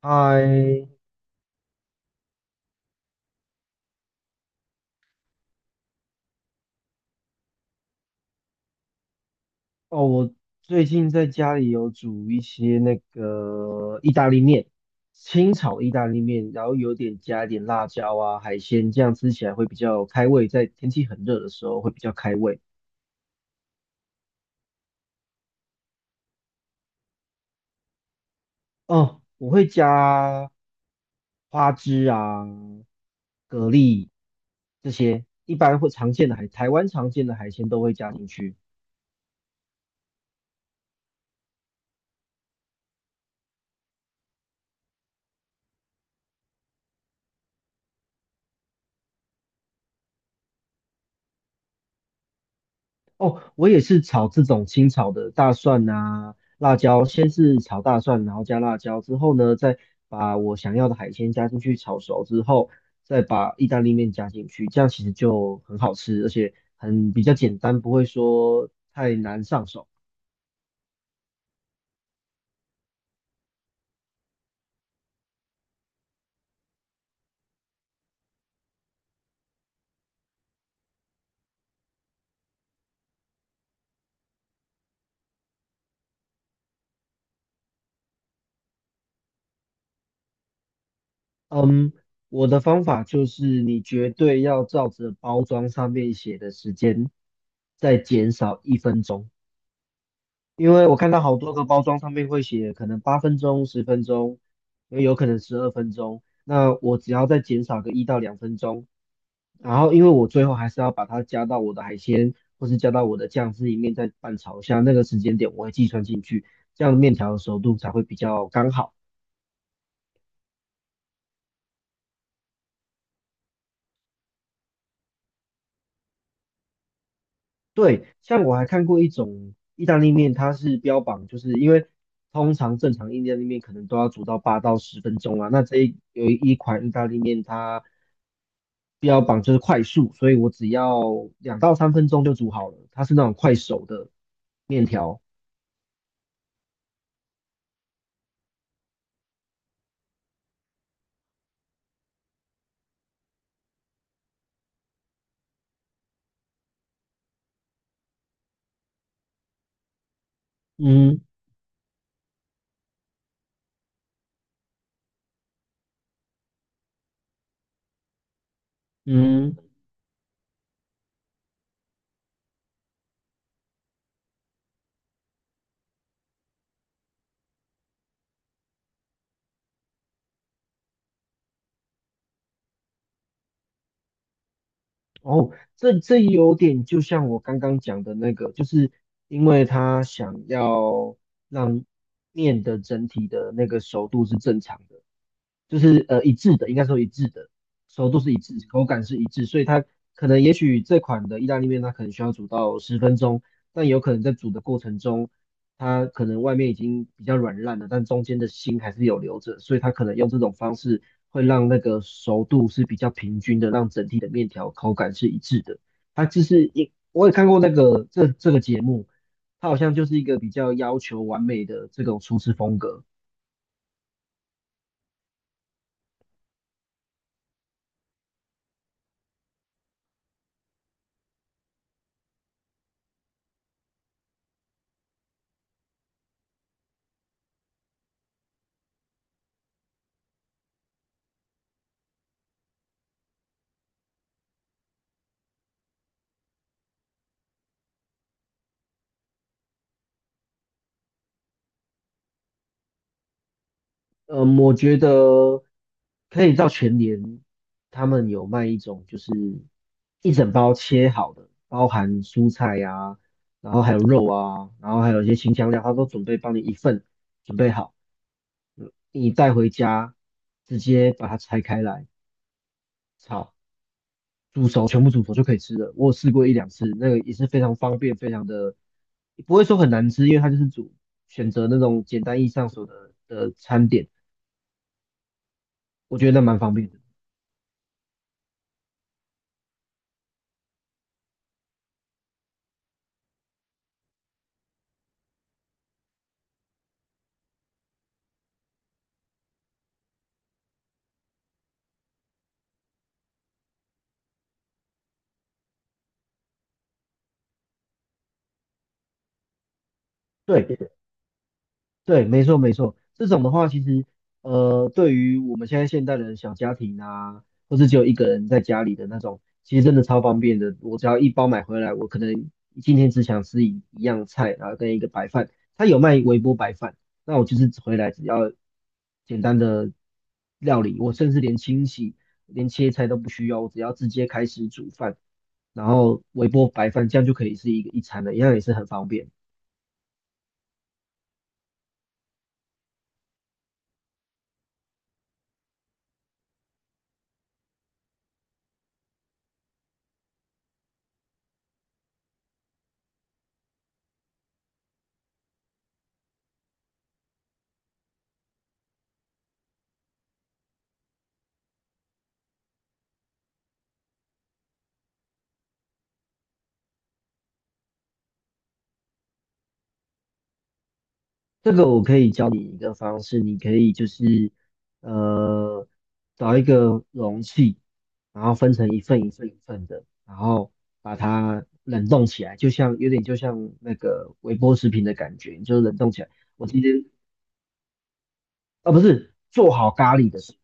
嗨。哦，我最近在家里有煮一些意大利面，清炒意大利面，然后有点加一点辣椒啊、海鲜，这样吃起来会比较开胃，在天气很热的时候会比较开胃。哦，我会加花枝啊、蛤蜊这些，一般会常见的海，台湾常见的海鲜都会加进去。哦，我也是炒这种清炒的大蒜啊、辣椒，先是炒大蒜，然后加辣椒，之后呢，再把我想要的海鲜加进去炒熟之后，再把意大利面加进去，这样其实就很好吃，而且很比较简单，不会说太难上手。嗯，我的方法就是你绝对要照着包装上面写的时间，再减少一分钟。因为我看到好多个包装上面会写可能八分钟、十分钟，也有可能十二分钟。那我只要再减少个一到两分钟，然后因为我最后还是要把它加到我的海鲜或是加到我的酱汁里面再拌炒一下，那个时间点我会计算进去，这样面条的熟度才会比较刚好。对，像我还看过一种意大利面，它是标榜就是因为通常正常意大利面可能都要煮到八到十分钟啊，那这一有一款意大利面它标榜就是快速，所以我只要两到三分钟就煮好了，它是那种快手的面条。嗯嗯。哦，这这有点就像我刚刚讲的那个，就是因为他想要让面的整体的那个熟度是正常的。就是一致的，应该说一致的，熟度是一致，口感是一致，所以它可能也许这款的意大利面它可能需要煮到十分钟，但有可能在煮的过程中，它可能外面已经比较软烂了，但中间的心还是有留着，所以它可能用这种方式会让那个熟度是比较平均的，让整体的面条口感是一致的。它就是一，我也看过那个这个节目，它好像就是一个比较要求完美的这种厨师风格。嗯，我觉得可以到全联，他们有卖一种就是一整包切好的，包含蔬菜呀、然后还有肉啊，然后还有一些清香料，他都准备帮你一份准备好，你带回家直接把它拆开来炒，煮熟，全部煮熟就可以吃了。我有试过一两次，那个也是非常方便，非常的不会说很难吃，因为它就是煮选择那种简单易上手的餐点，我觉得那蛮方便的。对。对，没错没错，这种的话，其实对于我们现在现代的小家庭啊，或是只有一个人在家里的那种，其实真的超方便的。我只要一包买回来，我可能今天只想吃一样菜，然后跟一个白饭，他有卖微波白饭，那我就是回来只要简单的料理，我甚至连清洗、连切菜都不需要，我只要直接开始煮饭，然后微波白饭，这样就可以是一个一餐了，一样也是很方便。这个我可以教你一个方式，你可以就是呃找一个容器，然后分成一份一份的，然后把它冷冻起来，就像有点就像那个微波食品的感觉，你就冷冻起来。我今天不是做好咖喱的时候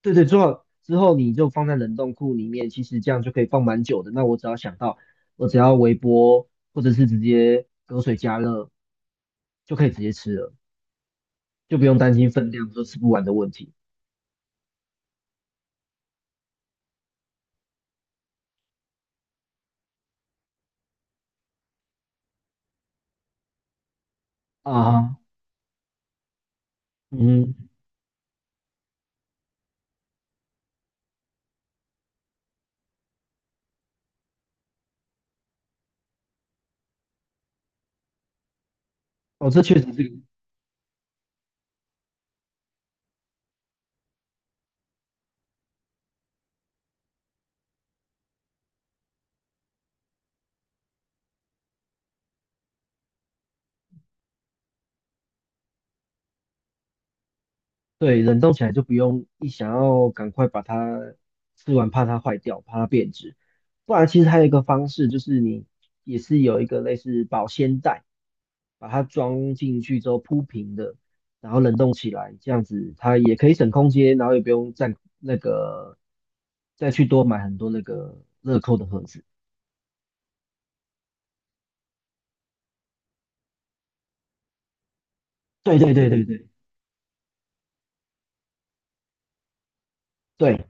对对，做好之后你就放在冷冻库里面，其实这样就可以放蛮久的。那我只要想到，我只要微波或者是直接隔水加热就可以直接吃了。就不用担心分量说吃不完的问题。啊。嗯。哦，这确实是个对，冷冻起来就不用一想要赶快把它吃完，怕它坏掉，怕它变质。不然其实还有一个方式，就是你也是有一个类似保鲜袋，把它装进去之后铺平的，然后冷冻起来，这样子它也可以省空间，然后也不用再那个再去多买很多那个乐扣的盒子。对对对对对对，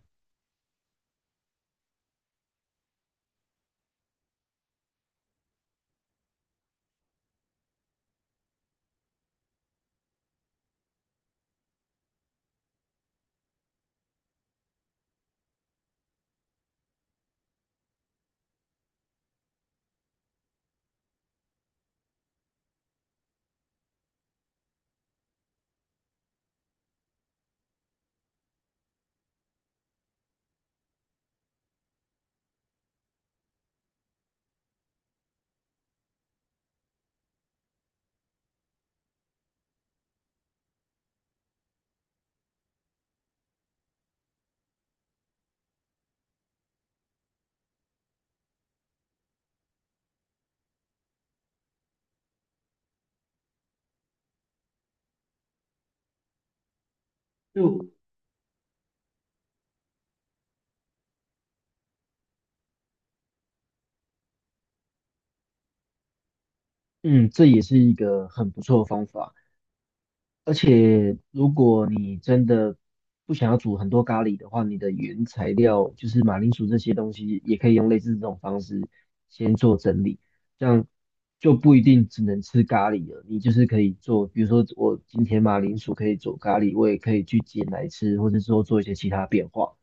就嗯，这也是一个很不错的方法。而且，如果你真的不想要煮很多咖喱的话，你的原材料就是马铃薯这些东西，也可以用类似这种方式先做整理，这样就不一定只能吃咖喱了。你就是可以做，比如说我今天马铃薯可以做咖喱，我也可以去煎来吃，或者说做一些其他变化。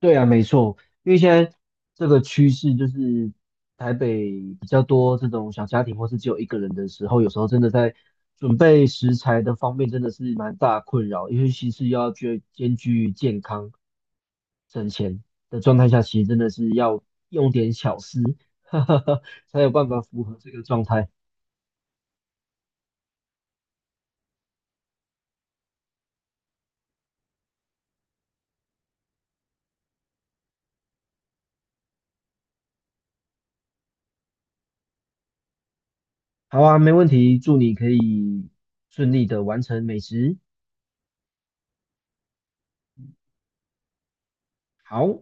对啊，没错，因为现在这个趋势就是台北比较多这种小家庭或是只有一个人的时候，有时候真的在准备食材的方面真的是蛮大困扰，尤其是要兼具健康省钱的状态下，其实真的是要用点巧思，哈哈哈，才有办法符合这个状态。好啊，没问题，祝你可以顺利的完成美食。好。